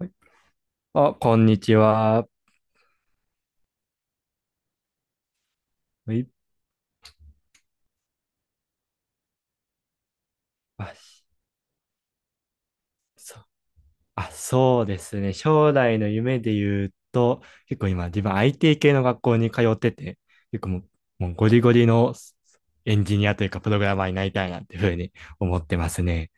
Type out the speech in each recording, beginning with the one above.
はい。あ、こんにちは。はい。あ、そあ、そうですね。将来の夢で言うと、結構今自分 IT 系の学校に通ってて、結構もうゴリゴリのエンジニアというかプログラマーになりたいなっていうふうに思ってますね。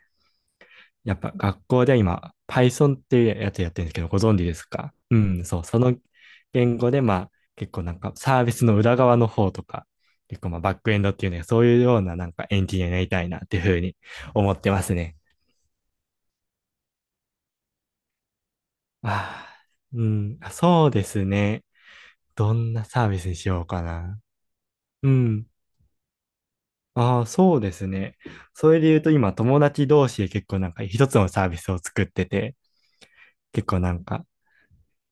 やっぱ学校で今、Python っていうやつやってるんですけど、ご存知ですか？うん、そう、その言語で、まあ、結構なんかサービスの裏側の方とか、結構まあバックエンドっていうね、そういうようななんかエンジニアになりたいなっていうふうに思ってますね。ああ、うん、あ、そうですね。どんなサービスにしようかな。うん。ああ、そうですね。それで言うと今友達同士で結構なんか一つのサービスを作ってて、結構なんか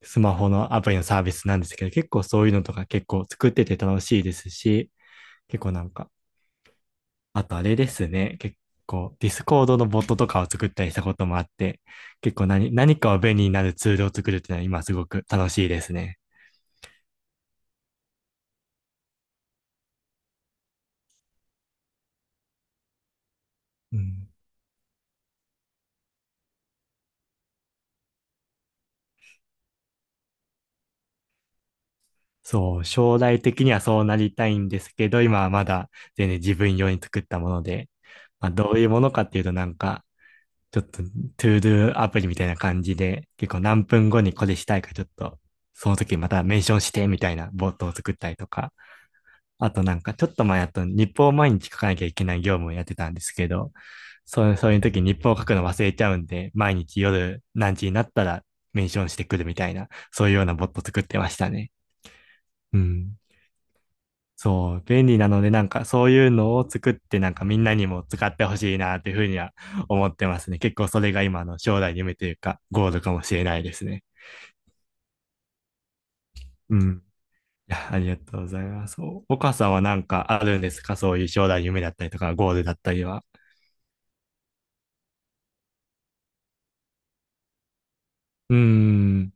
スマホのアプリのサービスなんですけど、結構そういうのとか結構作ってて楽しいですし、結構なんか、あとあれですね、結構ディスコードのボットとかを作ったりしたこともあって、結構何かを便利になるツールを作るっていうのは今すごく楽しいですね。うん、そう、将来的にはそうなりたいんですけど、今はまだ全然自分用に作ったもので、まあ、どういうものかっていうとなんか、ちょっと、トゥードゥアプリみたいな感じで、結構何分後にこれしたいか、ちょっと、その時またメンションしてみたいなボットを作ったりとか、あとなんか、ちょっと前あと日報を毎日書かなきゃいけない業務をやってたんですけど、そう、そういう時日報を書くの忘れちゃうんで、毎日夜何時になったらメンションしてくるみたいな、そういうようなボット作ってましたね。うん。そう、便利なので、なんかそういうのを作って、なんかみんなにも使ってほしいな、ていうふうには思ってますね。結構それが今の将来の夢というか、ゴールかもしれないですね。うん。いや、ありがとうございます。お岡さんはなんかあるんですか？そういう将来の夢だったりとか、ゴールだったりは。うーん、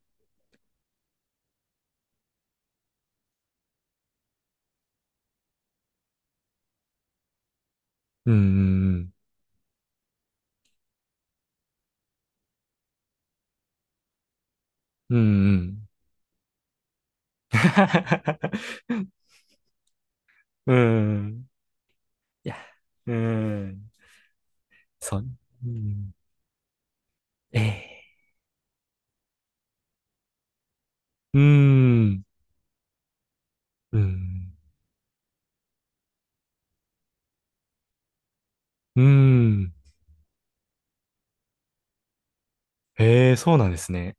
うーん、うーん、うーん。うーん、いや、うーん、そう、うん、えうーん、うーん、うーん。へえ、そうなんですね。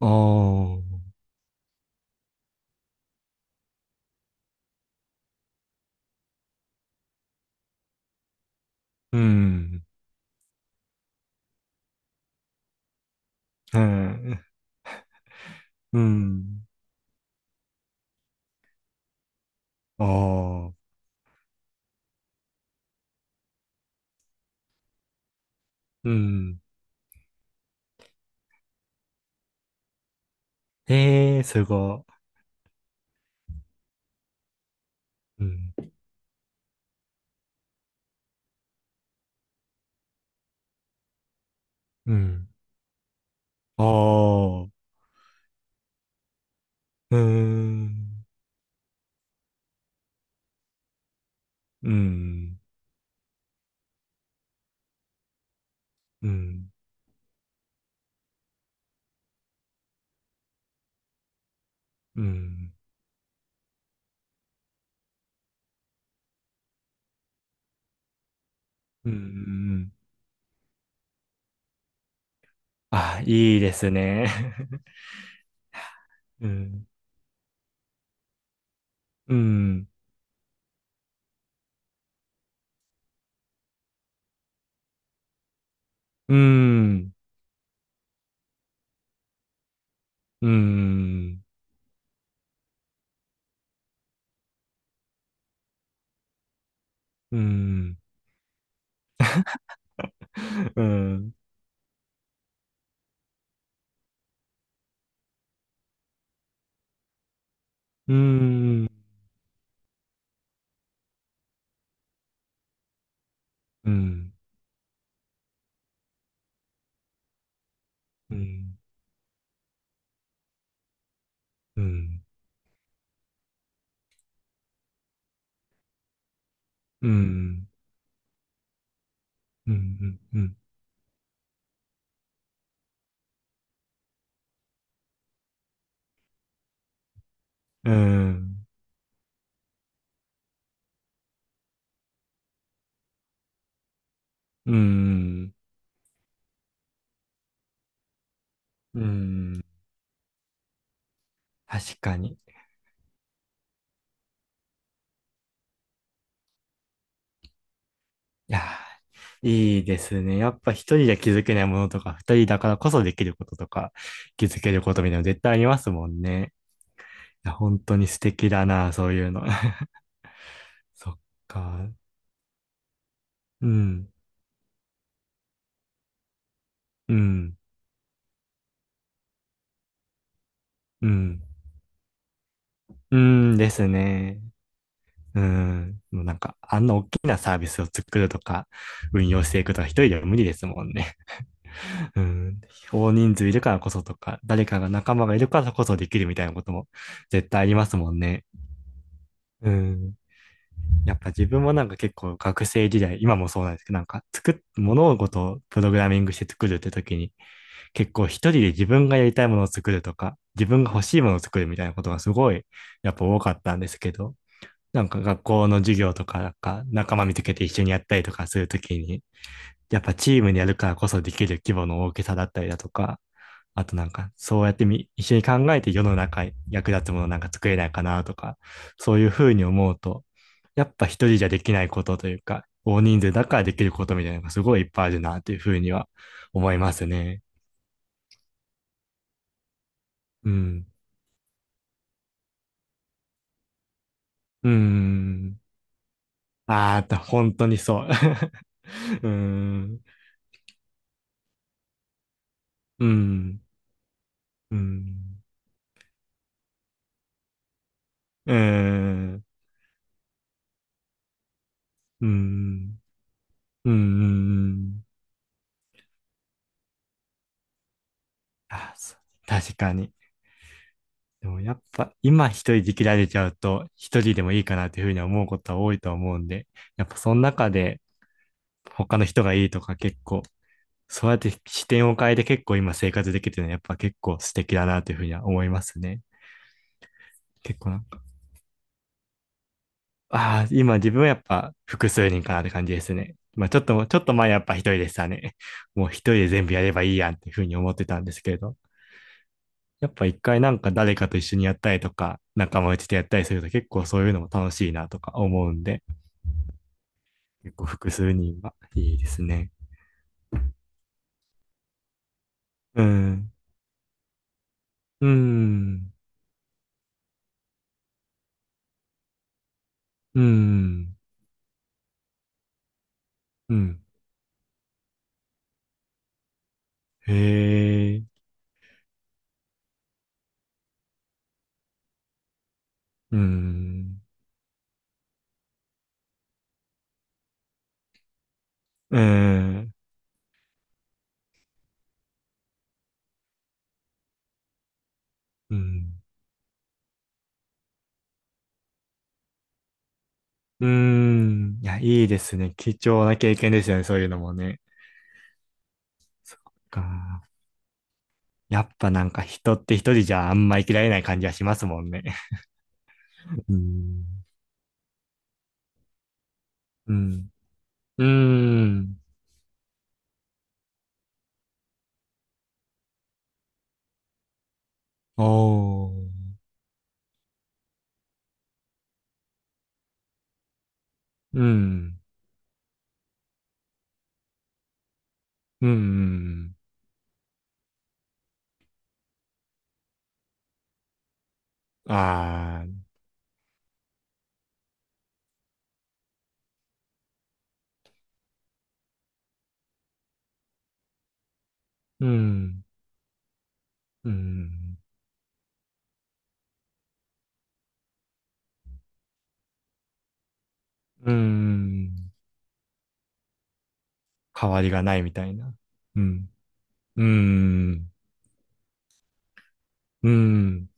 ああ、うん、うん、うん、ああ、うん、へえ、すごい。うん、うん、ああ、うん、うん、うん、うん、うん、うん、うん、うん、あ、いいですね。うん、うん、うん、うん、うん、うん、うん、うん、うん、うん、うん、うん、うん、うん、うん、うん、うん。うん。うん。うん。確かに。いやー、いいですね。やっぱ一人で気づけないものとか、二人だからこそできることとか、気づけることみたいなの絶対ありますもんね。いや、本当に素敵だな、そういうの。そっか。うん。うん。うん。うんですね。うん。もうなんか、あんな大きなサービスを作るとか、運用していくとか、一人では無理ですもんね。うん。大人数いるからこそとか、誰かが仲間がいるからこそできるみたいなことも絶対ありますもんね。うん。やっぱ自分もなんか結構学生時代、今もそうなんですけど、なんか物事をプログラミングして作るって時に、結構一人で自分がやりたいものを作るとか、自分が欲しいものを作るみたいなことがすごい、やっぱ多かったんですけど、なんか学校の授業とか、なんか仲間見つけて一緒にやったりとかするときに、やっぱチームでやるからこそできる規模の大きさだったりだとか、あとなんか、そうやってみ、一緒に考えて世の中に役立つものなんか作れないかなとか、そういうふうに思うと、やっぱ一人じゃできないことというか、大人数だからできることみたいなのがすごいいっぱいあるなというふうには思いますね。うん。うーん。ああ、本当にそう。うーん。うん。うん。うーん。うーん。うーん。あ、そう、確かに。でもやっぱ今一人で切られちゃうと一人でもいいかなというふうに思うことは多いと思うんで、やっぱその中で他の人がいいとか結構、そうやって視点を変えて結構今生活できてるのはやっぱ結構素敵だなというふうには思いますね。結構なんか、ああ、今自分はやっぱ複数人かなって感じですね。まあちょっと前やっぱ一人でしたね。もう一人で全部やればいいやんっていうふうに思ってたんですけれど。やっぱ一回なんか誰かと一緒にやったりとか、仲間内でやったりすると結構そういうのも楽しいなとか思うんで、結構複数人はいいですね。うん。うん。うん。うん。へえ。うん。うん。うん。うん。いや、いいですね。貴重な経験ですよね。そういうのもね。か、やっぱなんか人って一人じゃあんま生きられない感じはしますもんね。うん。うん。うん。おー。うん。うん。ああ、うん。うん。うん。変わりがないみたいな。うん。うん。うん。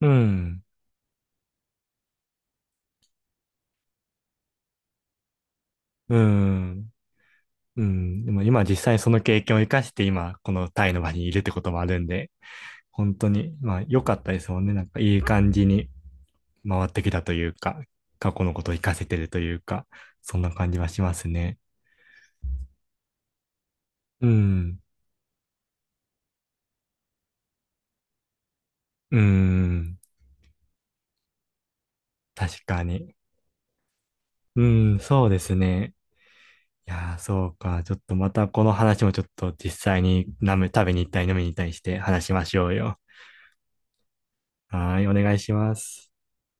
うん。うん。うん、でも今実際にその経験を生かして今このタイの場にいるってこともあるんで、本当に、まあ良かったですもんね。なんかいい感じに回ってきたというか、過去のことを生かせてるというか、そんな感じはしますね。うん。うん。確かに。うん、そうですね。いやー、そうか。ちょっとまたこの話もちょっと実際に飲む、食べに行ったり飲みに行ったりして話しましょうよ。はーい、お願いします。